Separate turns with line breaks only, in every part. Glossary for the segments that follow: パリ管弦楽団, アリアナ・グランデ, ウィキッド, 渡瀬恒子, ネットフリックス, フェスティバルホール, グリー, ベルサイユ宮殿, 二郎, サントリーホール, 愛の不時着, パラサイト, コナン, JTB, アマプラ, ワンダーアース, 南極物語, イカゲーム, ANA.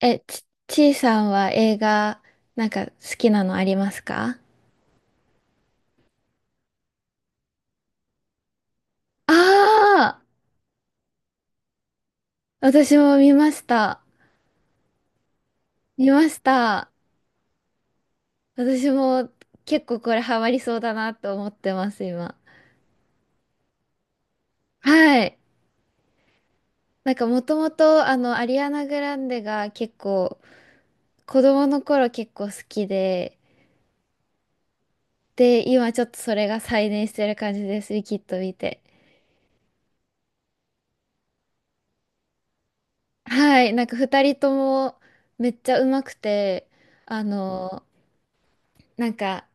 ちいさんは映画、なんか好きなのありますか？ああー、私も見ました。見ました。私も結構これハマりそうだなと思ってます、今。はい。なんかもともと、アリアナ・グランデが結構、子供の頃結構好きで、で、今ちょっとそれが再燃してる感じです、ウィキッド見て。はい。なんか二人ともめっちゃ上手くて、あの、なんか、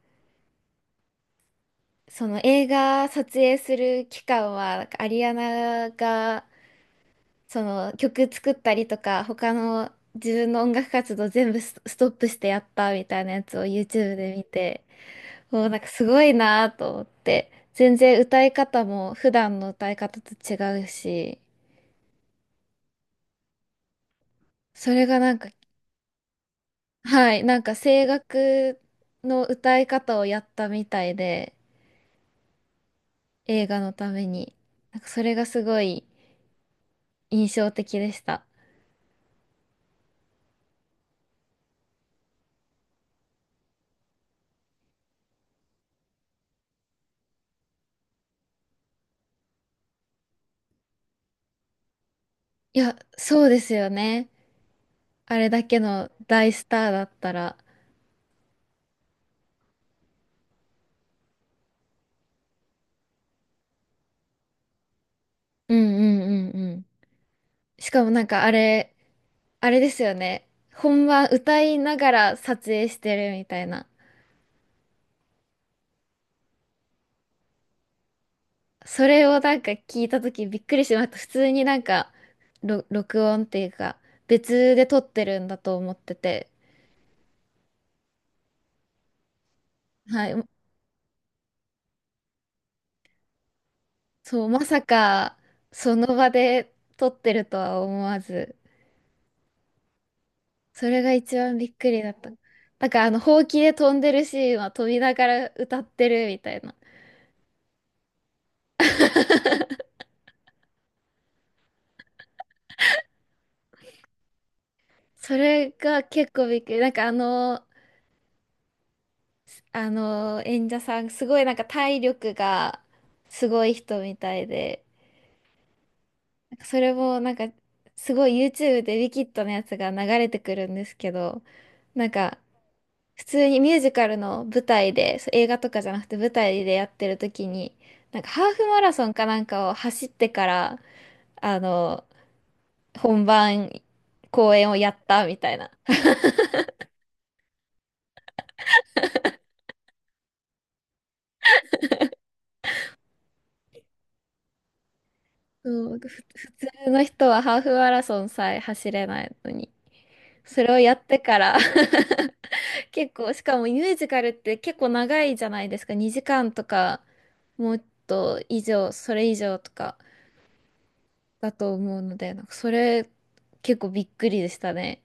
その映画撮影する期間は、アリアナがその曲作ったりとか、他の自分の音楽活動全部ストップしてやったみたいなやつを YouTube で見て、もうなんかすごいなと思って、全然歌い方も普段の歌い方と違うし、それがなんか、はい、なんか声楽の歌い方をやったみたいで、映画のために、なんかそれがすごい印象的でした。いや、そうですよね。あれだけの大スターだったら。うんうんうんうん。しかもなんかあれですよね。本番歌いながら撮影してるみたいな。それをなんか聞いた時びっくりしました。普通になんか、録音っていうか、別で撮ってるんだと思ってて。はい。そう、まさか、その場で撮ってるとは思わず。それが一番びっくりだった。なんかほうきで飛んでるシーンは飛びながら歌ってるみたいな。それが結構びっくり。なんかあの演者さん、すごいなんか体力がすごい人みたいで、なんかそれもなんかすごい YouTube でウィキッドのやつが流れてくるんですけど、なんか普通にミュージカルの舞台で、そう映画とかじゃなくて舞台でやってる時に、なんかハーフマラソンかなんかを走ってから、あの、本番公演をやったみたいな。そう、普通の人はハーフマラソンさえ走れないのに、それをやってから 結構、しかもミュージカルって結構長いじゃないですか。2時間とか、もっと以上、それ以上とかだと思うので、なんかそれ結構びっくりでしたね。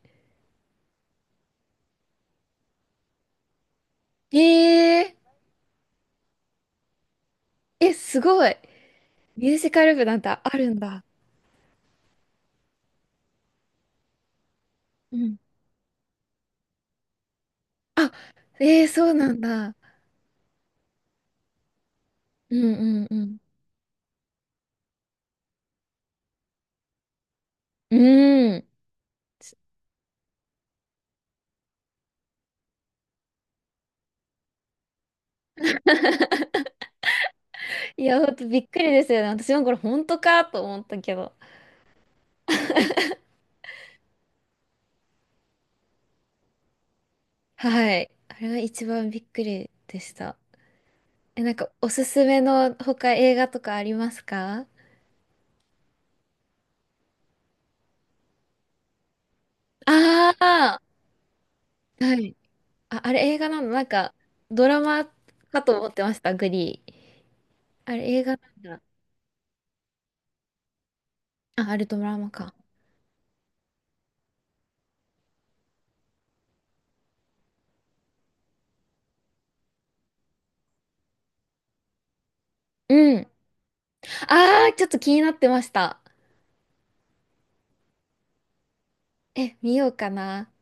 えー、え、すごい。ミュージカル部なんてあるんだ。うん。あ、えー、そうなんだ。うんうんうん。うん。いや、ほんとびっくりですよね。私もこれ本当かと思ったけど。はい。あれが一番びっくりでした。え、なんかおすすめの他映画とかありますか？ああー、はい。あ、あれ映画なのなんかドラマかと思ってました、グリー。あれ映画なんだ。あ、あれドラマか。うん。ああ、ちょっと気になってました。え、見ようかな。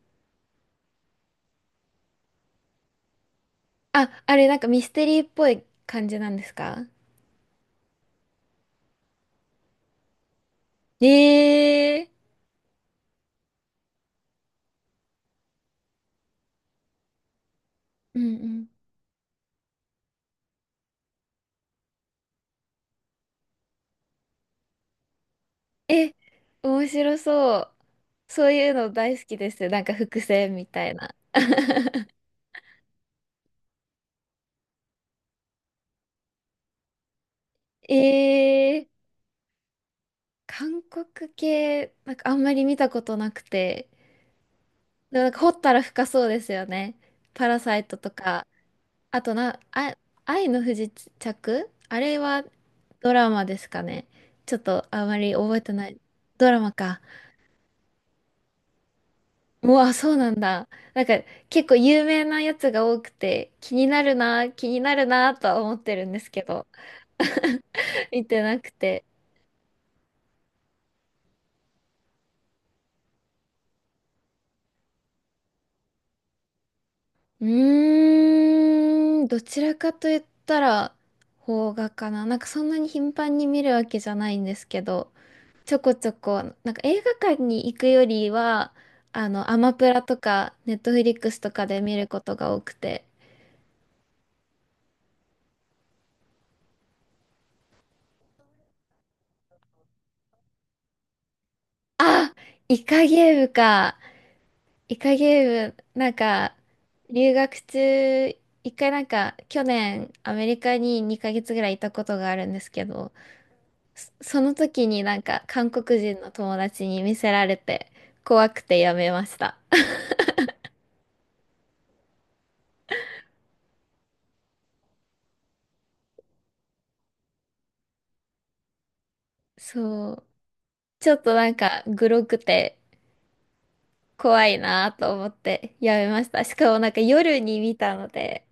あ、あれなんかミステリーっぽい感じなんですか？ええー。うんうん、え、面白そう。そういうの大好きです。なんか伏線みたいな。えー、韓国系、なんかあんまり見たことなくて。でもなんか掘ったら深そうですよね。パラサイトとか。あとな、あ、愛の不時着あれはドラマですかね。ちょっとあまり覚えてない。ドラマか。あ、そうなんだ。なんか結構有名なやつが多くて気になるな、気になるなとは思ってるんですけど。見てなくて。うーん、どちらかと言ったら、邦画かな。なんかそんなに頻繁に見るわけじゃないんですけど、ちょこちょこ、なんか映画館に行くよりは、アマプラとか、ネットフリックスとかで見ることが多くて。あ、イカゲームか。イカゲーム、なんか、留学中、一回なんか、去年、アメリカに2ヶ月ぐらいいたことがあるんですけど、その時になんか韓国人の友達に見せられて怖くてやめました。そう。ちょっとなんかグロくて怖いなと思ってやめました。しかもなんか夜に見たので、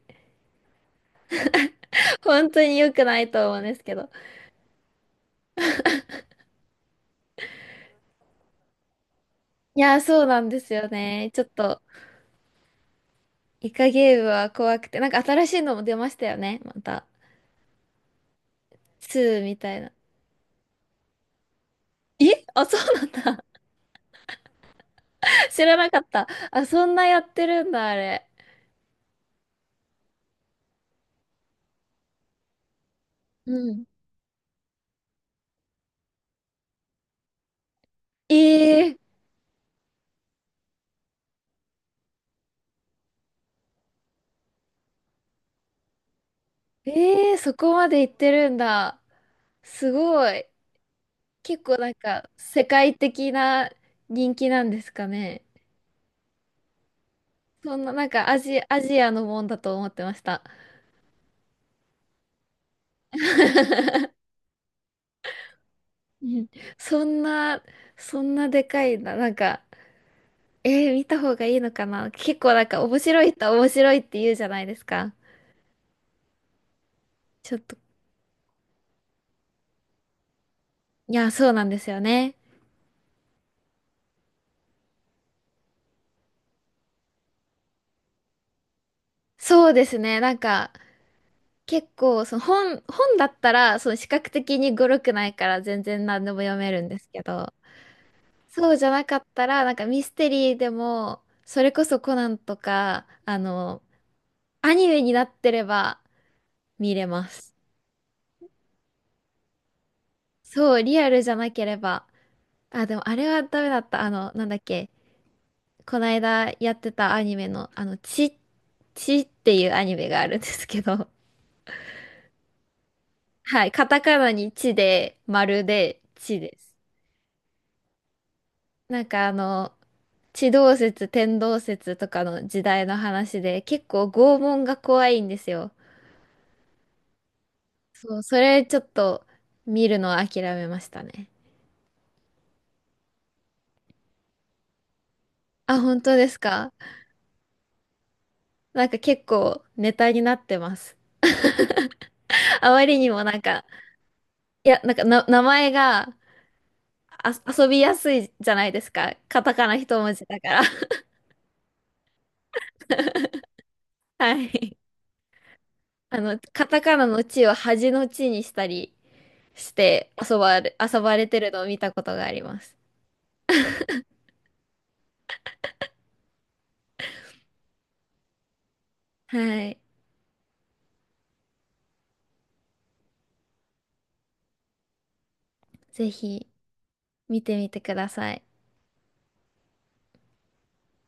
本当に良くないと思うんですけど。いやー、そうなんですよね。ちょっとイカゲームは怖くて、なんか新しいのも出ましたよね。また。ツーみたいな。あ、そうなんだ。知らなかった。あ、そんなやってるんだ、あれ。うん。ええええーそこまで行ってるんだ。すごい。結構なんか世界的な人気なんですかね。そんななんかアジアのもんだと思ってました。うん、そんな、そんなでかいな。なんか、見た方がいいのかな。結構なんか面白い人は面白いって言うじゃないですか。ちょっと、いや、そうなんですよね。そうですね。なんか、結構、その本だったら、その視覚的に語呂くないから全然何でも読めるんですけど、そうじゃなかったら、なんかミステリーでも、それこそコナンとか、アニメになってれば見れます。そう、リアルじゃなければ。あ、でもあれはダメだった。なんだっけ、この間やってたアニメの、ちっていうアニメがあるんですけど、はい、カタカナにちで、丸で、ちです。なんか地動説、天動説とかの時代の話で、結構拷問が怖いんですよ。そう、それちょっと見るのは諦めましたね。あ、本当ですか？なんか結構ネタになってます。あまりにもなんか、いや、なんかな、名前があ遊びやすいじゃないですか。カタカナ一文字だから。はい。カタカナの地を恥の地にしたりして遊ばれてるのを見たことがあります。はい。ぜひ見てみてください。